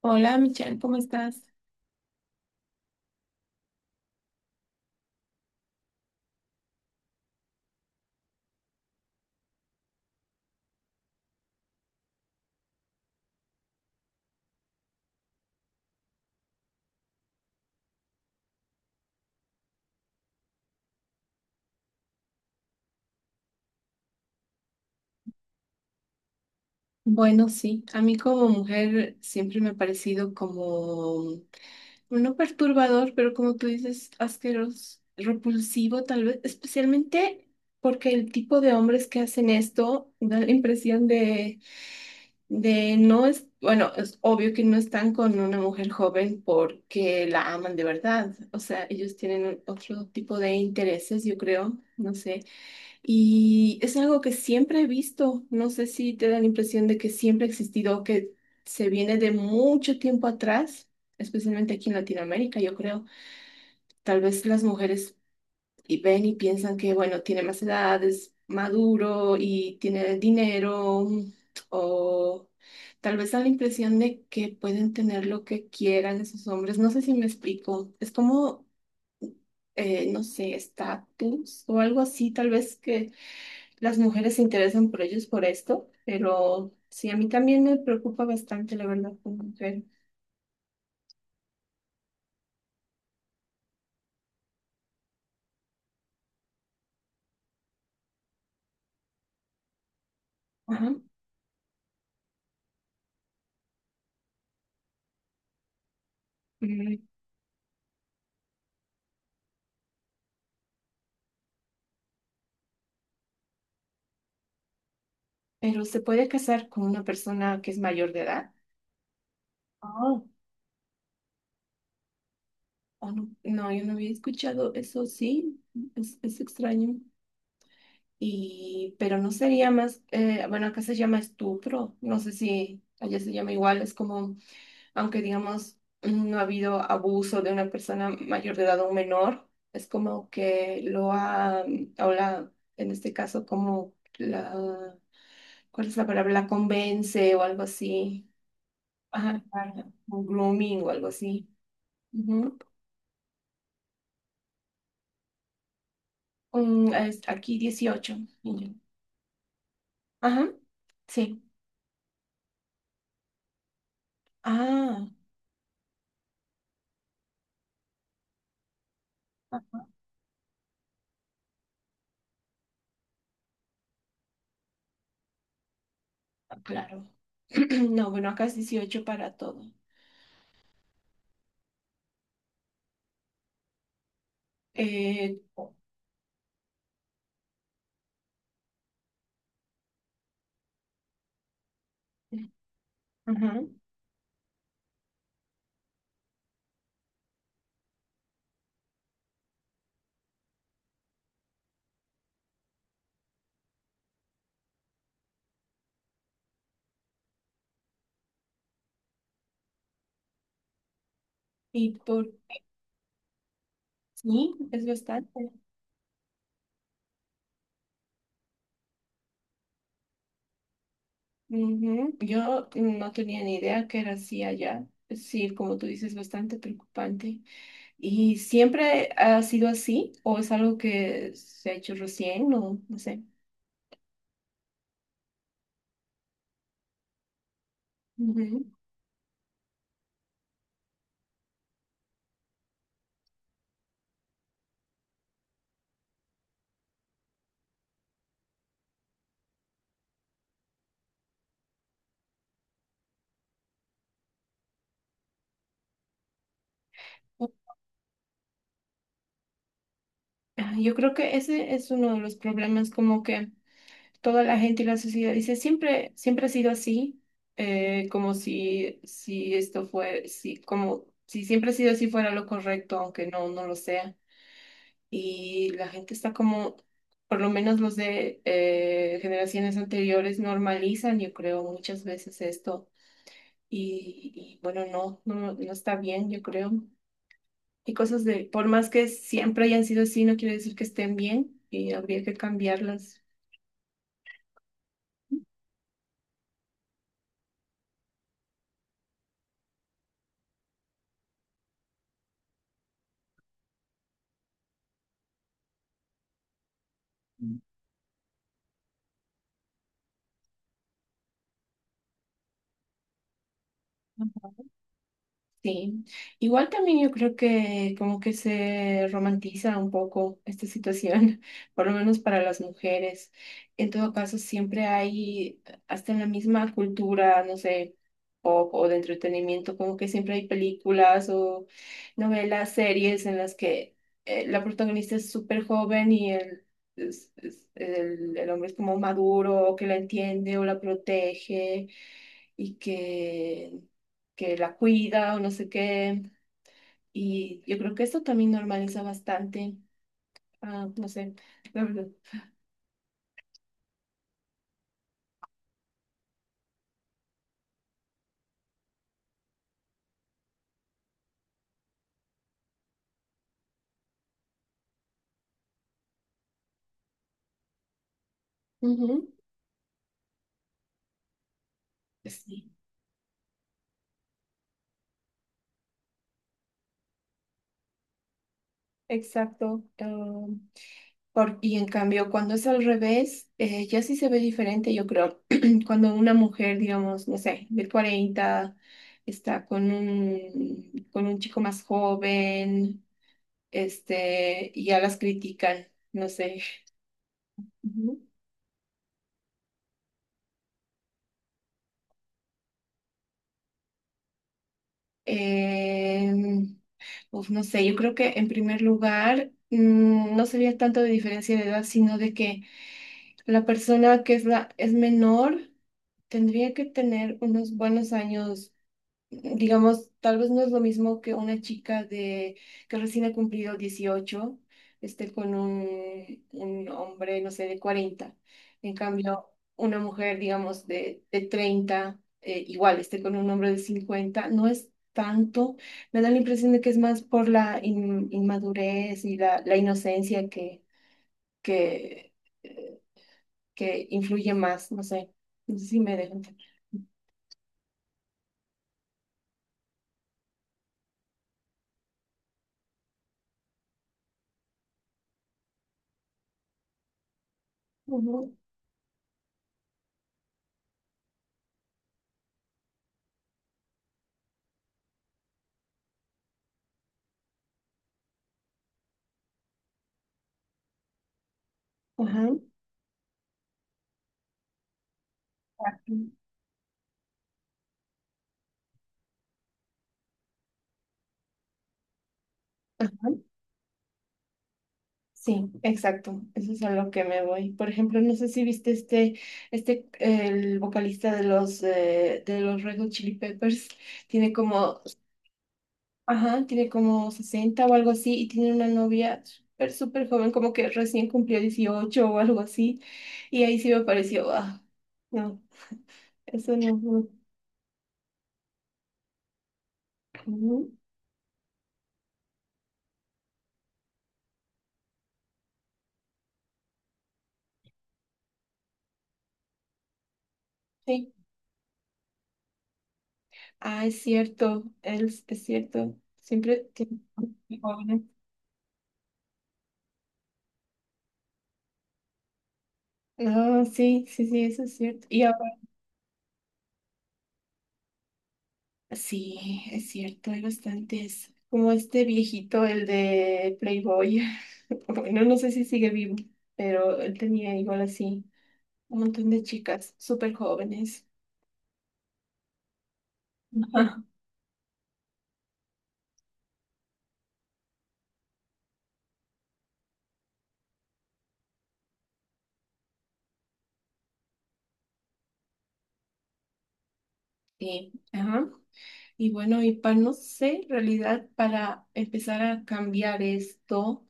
Hola Michelle, ¿cómo estás? Bueno, sí, a mí como mujer siempre me ha parecido como, no perturbador, pero como tú dices, asqueroso, repulsivo tal vez, especialmente porque el tipo de hombres que hacen esto da la impresión de no es, bueno, es obvio que no están con una mujer joven porque la aman de verdad, o sea, ellos tienen otro tipo de intereses, yo creo, no sé. Y es algo que siempre he visto, no sé si te da la impresión de que siempre ha existido, que se viene de mucho tiempo atrás, especialmente aquí en Latinoamérica, yo creo. Tal vez las mujeres y ven y piensan que, bueno, tiene más edad, es maduro y tiene dinero, o tal vez da la impresión de que pueden tener lo que quieran esos hombres, no sé si me explico, es como, no sé, estatus o algo así, tal vez que las mujeres se interesan por ellos por esto, pero sí, a mí también me preocupa bastante, la verdad, como mujer. Ajá. Mm. Pero se puede casar con una persona que es mayor de edad. Ah, ¿o no? No, yo no había escuchado eso, sí, es extraño. Y, pero no sería más, bueno, acá se llama estupro, no sé si allá se llama igual, es como aunque digamos no ha habido abuso de una persona mayor de edad o un menor, es como que lo ha, o la, en este caso, como la, ¿cuál es la palabra? La convence o algo así. Ajá, claro, un grooming o algo así. Ujú. Mm, es aquí dieciocho niño. Ajá, sí. Ah, ajá, ah, claro. No, bueno, acá es dieciocho para todo. Eh, ujú. Y por... Sí, es bastante. Ujú. Yo no tenía ni idea que era así allá. Sí, como tú dices, bastante preocupante. ¿Y siempre ha sido así? ¿O es algo que se ha hecho recién? No, no sé. Ujú. Ah, yo creo que ese es uno de los problemas, como que toda la gente y la sociedad dice, siempre, siempre ha sido así, como si esto fue, si, como si siempre ha sido así fuera lo correcto, aunque no, no lo sea. Y la gente está como, por lo menos los de generaciones anteriores normalizan, yo creo, muchas veces esto y, y, bueno, no, no, no está bien, yo creo. Y cosas de, por más que siempre hayan sido así, no quiere decir que estén bien y habría que cambiarlas. Mm. Sí, igual también yo creo que como que se romantiza un poco esta situación, por lo menos para las mujeres. En todo caso, siempre hay, hasta en la misma cultura, no sé, pop o de entretenimiento, como que siempre hay películas o novelas, series en las que la protagonista es súper joven y el hombre es como maduro, o que la entiende o la protege y que la cuida o no sé qué. Y yo creo que esto también normaliza bastante, ah, no sé, la verdad. Ujú. Sí, exacto. Y en cambio, cuando es al revés, ya sí se ve diferente, yo creo. Cuando una mujer, digamos, no sé, de 40 está con un chico más joven, este, y ya las critican, no sé. Ujú. Em, Uf, no sé, yo creo que en primer lugar no sería tanto de diferencia de edad, sino de que la persona que es la es menor tendría que tener unos buenos años digamos, tal vez no es lo mismo que una chica de que recién ha cumplido 18 esté con un hombre, no sé, de 40. En cambio, una mujer, digamos, de 30, igual esté con un hombre de 50, no es tanto. Me da la impresión de que es más por la inmadurez y la inocencia que, eh, que influye más, no sé. No sé si me dejan. Ujú, ajá. Ajá. Sí, exacto. Eso es a lo que me voy. Por ejemplo, no sé si viste el vocalista de los Red Hot Chili Peppers tiene como, ajá, tiene como 60 o algo así y tiene una novia súper, súper joven, como que recién cumplió 18 o algo así. Y ahí sí me pareció, ah, no, eso no. No, no. Sí. Ah, es cierto, es cierto. Siempre tiene jóvenes. No, sí, sí, sí, eso es cierto. Y... Sí, es cierto, hay bastantes. Como este viejito, el de Playboy. Bueno, no sé si sigue vivo, pero él tenía igual así un montón de chicas súper jóvenes. Ajá. Sí, ajá. Y bueno, y para, no sé, en realidad, para empezar a cambiar esto,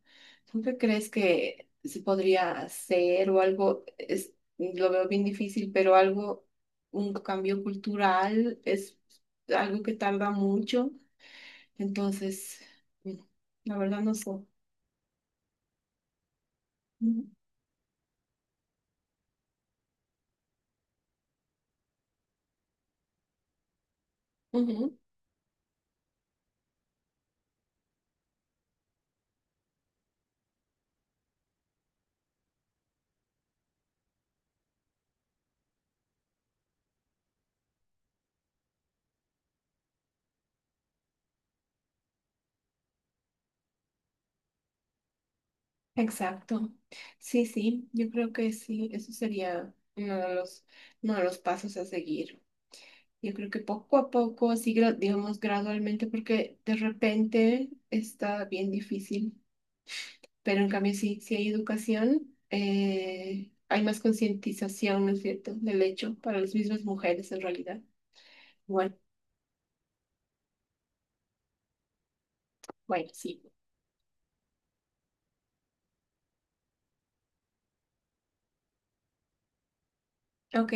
¿tú qué crees que se podría hacer o algo? Es, lo veo bien difícil, pero algo, un cambio cultural es algo que tarda mucho. Entonces, mm, la verdad no sé. Ujú, ujú, exacto. Sí, sí, yo creo que sí, eso sería uno de los pasos a seguir. Yo creo que poco a poco, así, digamos, gradualmente, porque de repente está bien difícil, pero en cambio sí, sí hay educación, hay más concientización, ¿no es cierto?, del hecho para las mismas mujeres en realidad. Bueno, bueno, sí. Ok.